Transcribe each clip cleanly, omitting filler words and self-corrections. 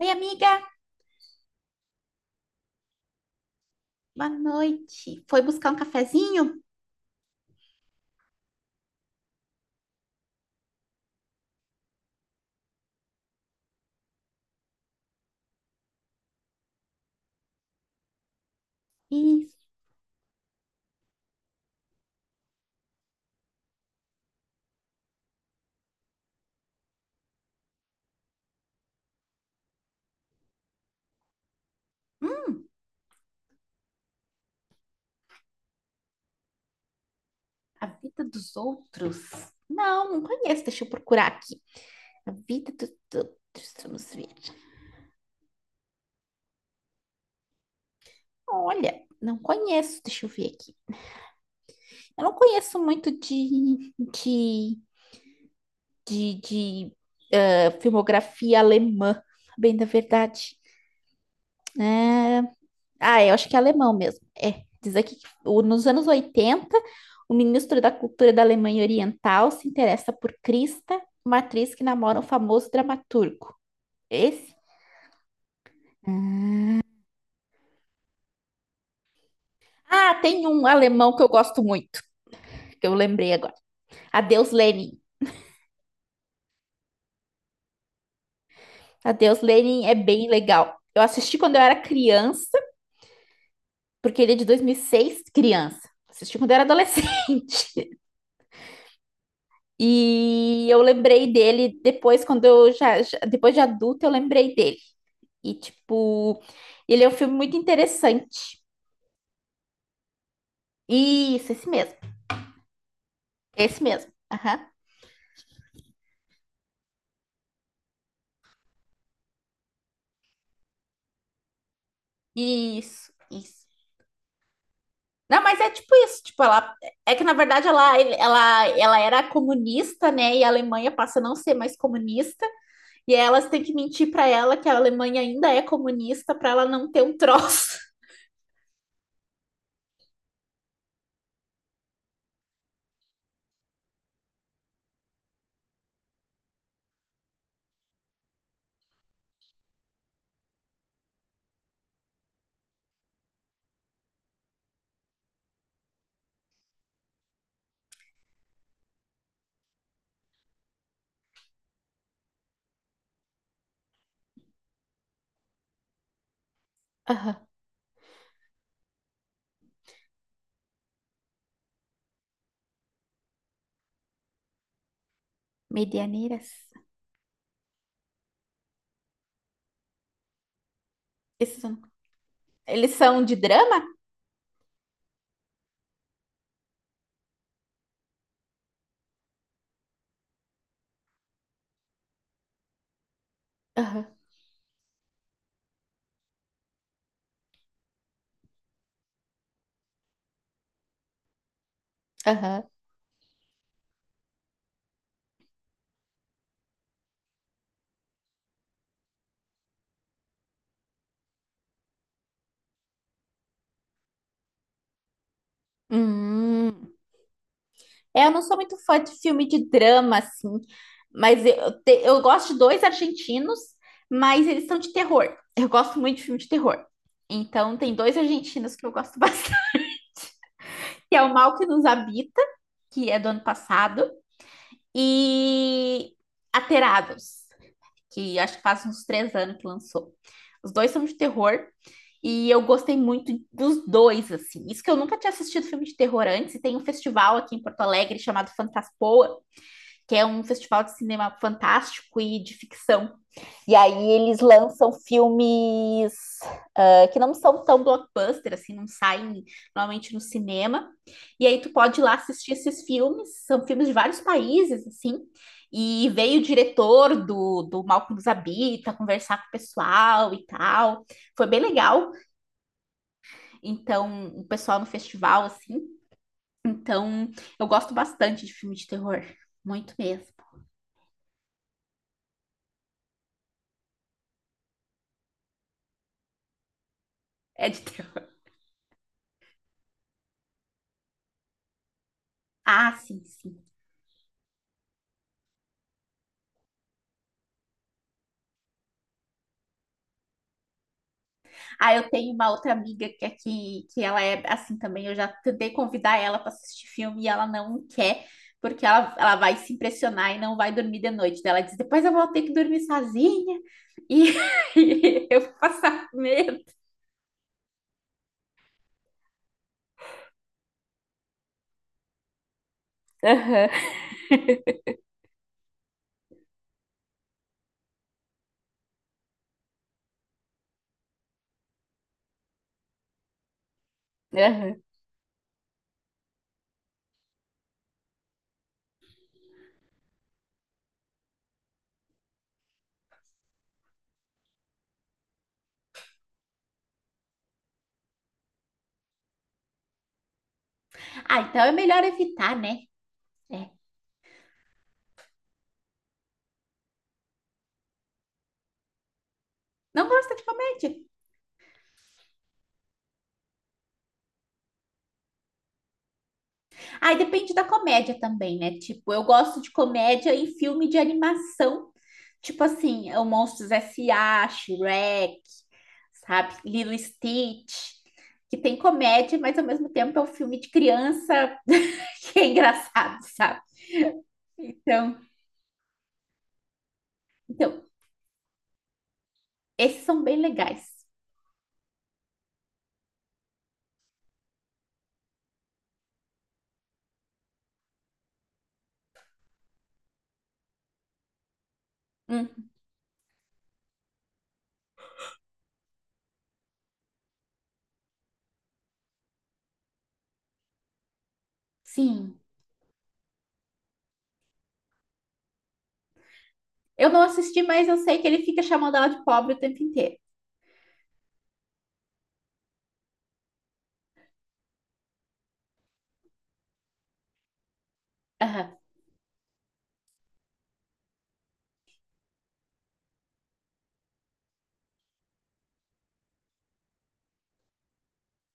Oi, amiga, boa noite. Foi buscar um cafezinho? Isso, a vida dos outros. Não, não conheço, deixa eu procurar aqui. A vida dos outros, vamos ver. Olha, não conheço, deixa eu ver aqui. Eu não conheço muito de, de filmografia alemã, bem da verdade. Né? Ah, eu acho que é alemão mesmo. É, diz aqui que nos anos 80 o ministro da Cultura da Alemanha Oriental se interessa por Krista, uma atriz que namora um famoso dramaturgo. Esse? Ah, tem um alemão que eu gosto muito, que eu lembrei agora. Adeus, Lenin. Adeus, Lenin é bem legal. Eu assisti quando eu era criança, porque ele é de 2006 criança. Assisti quando eu era adolescente. E eu lembrei dele depois, quando eu depois de adulta, eu lembrei dele. E, tipo, ele é um filme muito interessante. Isso, esse mesmo. Esse mesmo. Aham. Isso, isso. Não, mas é tipo isso, tipo, ela é que na verdade ela era comunista, né? E a Alemanha passa a não ser mais comunista, e aí elas têm que mentir pra ela que a Alemanha ainda é comunista pra ela não ter um troço. Aham. Medianeiras. Esses são- Eles são de drama? Aham. Aham. Hum. É, eu não sou muito fã de filme de drama, assim, mas eu gosto de dois argentinos, mas eles são de terror. Eu gosto muito de filme de terror. Então, tem dois argentinos que eu gosto bastante, que é O Mal que Nos Habita, que é do ano passado, e Aterados, que acho que faz uns 3 anos que lançou. Os dois são de terror, e eu gostei muito dos dois, assim. Isso que eu nunca tinha assistido filme de terror antes, e tem um festival aqui em Porto Alegre chamado Fantaspoa, que é um festival de cinema fantástico e de ficção. E aí eles lançam filmes que não são tão blockbuster, assim, não saem normalmente no cinema. E aí tu pode ir lá assistir esses filmes, são filmes de vários países, assim. E veio o diretor do Mal que nos habita conversar com o pessoal e tal. Foi bem legal. Então, o pessoal no festival, assim. Então, eu gosto bastante de filme de terror. Muito mesmo. É de terror. Ah, sim, sim. Ah, eu tenho uma outra amiga que aqui, que ela é assim também. Eu já tentei convidar ela para assistir filme e ela não quer, porque ela vai se impressionar e não vai dormir de noite. Daí ela diz: depois eu vou ter que dormir sozinha e e eu vou passar medo. Aham, aham. Ah, então é melhor evitar, né? É. Não gosta de comédia? Ah, e depende da comédia também, né? Tipo, eu gosto de comédia em filme de animação, tipo assim, é o Monstros S. S.A., Shrek, sabe? Lilo e Stitch, que tem comédia, mas ao mesmo tempo é um filme de criança que é engraçado, sabe? Então, então esses são bem legais. Hum, sim. Eu não assisti, mas eu sei que ele fica chamando ela de pobre o tempo inteiro. Aham.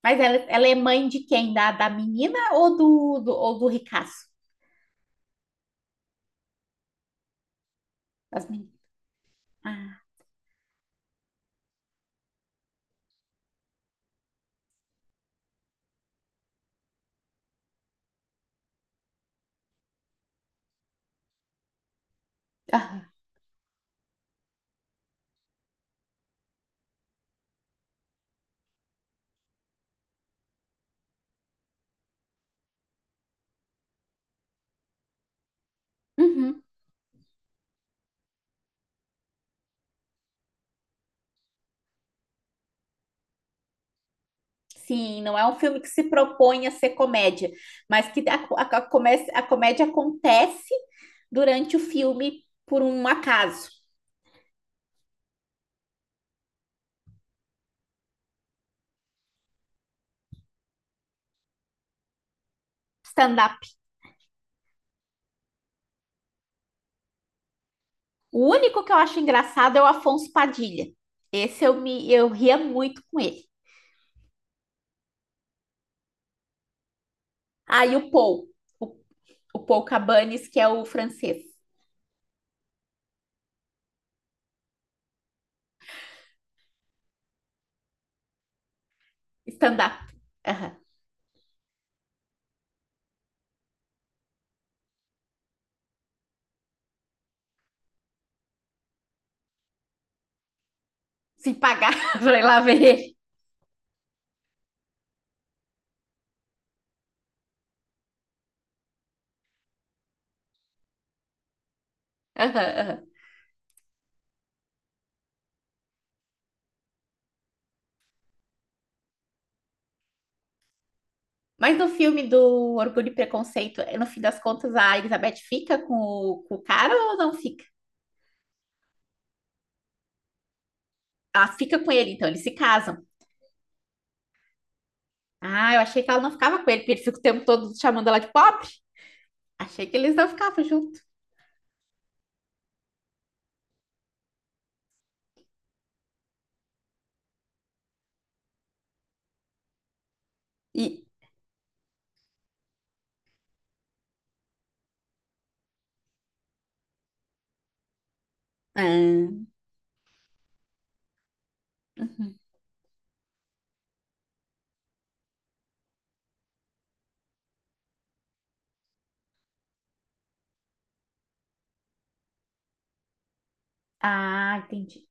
Mas ela é mãe de quem? Da menina ou ou do ricaço? Das meninas. Ah, aham. Uhum. Sim, não é um filme que se propõe a ser comédia, mas que a comédia acontece durante o filme por um acaso. Stand-up. O único que eu acho engraçado é o Afonso Padilha. Esse eu ria muito com ele. Aí o, o Paul Cabanes, que é o francês. Stand-up. Uhum. Se pagar pra ir lá ver ele. Uhum, uhum. Mas no filme do Orgulho e Preconceito, no fim das contas, a Elizabeth fica com o cara ou não fica? Ela fica com ele, então eles se casam. Ah, eu achei que ela não ficava com ele, porque ele fica o tempo todo chamando ela de pobre. Achei que eles não ficavam juntos. E. Ah, ah, entendi.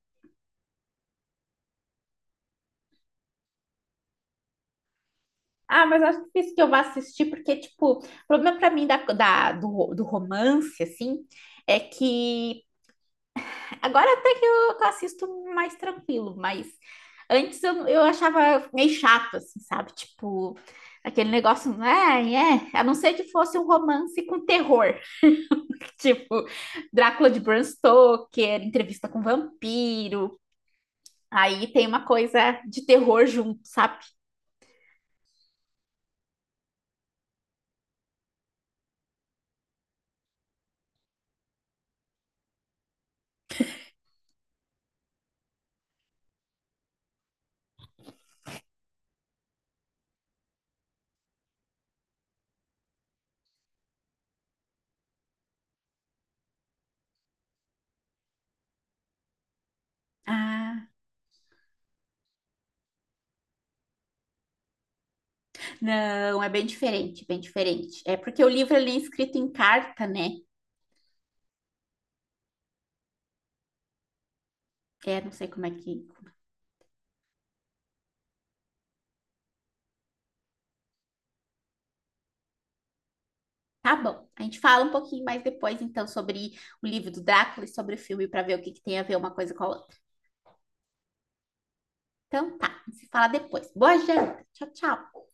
Ah, mas acho difícil que eu vá assistir, porque, tipo, o problema pra mim do romance, assim, é que agora até que eu assisto mais tranquilo, mas antes eu achava meio chato, assim, sabe? Tipo, aquele negócio, ai, é, a não ser que fosse um romance com terror, tipo, Drácula de Bram Stoker, entrevista com vampiro, aí tem uma coisa de terror junto, sabe? Ah, não, é bem diferente, bem diferente. É porque o livro ele é escrito em carta, né? É, não sei como é que. Tá bom, a gente fala um pouquinho mais depois, então, sobre o livro do Drácula e sobre o filme, para ver o que, que tem a ver uma coisa com a outra. Então, tá, a gente se fala depois. Boa janta, tchau, tchau.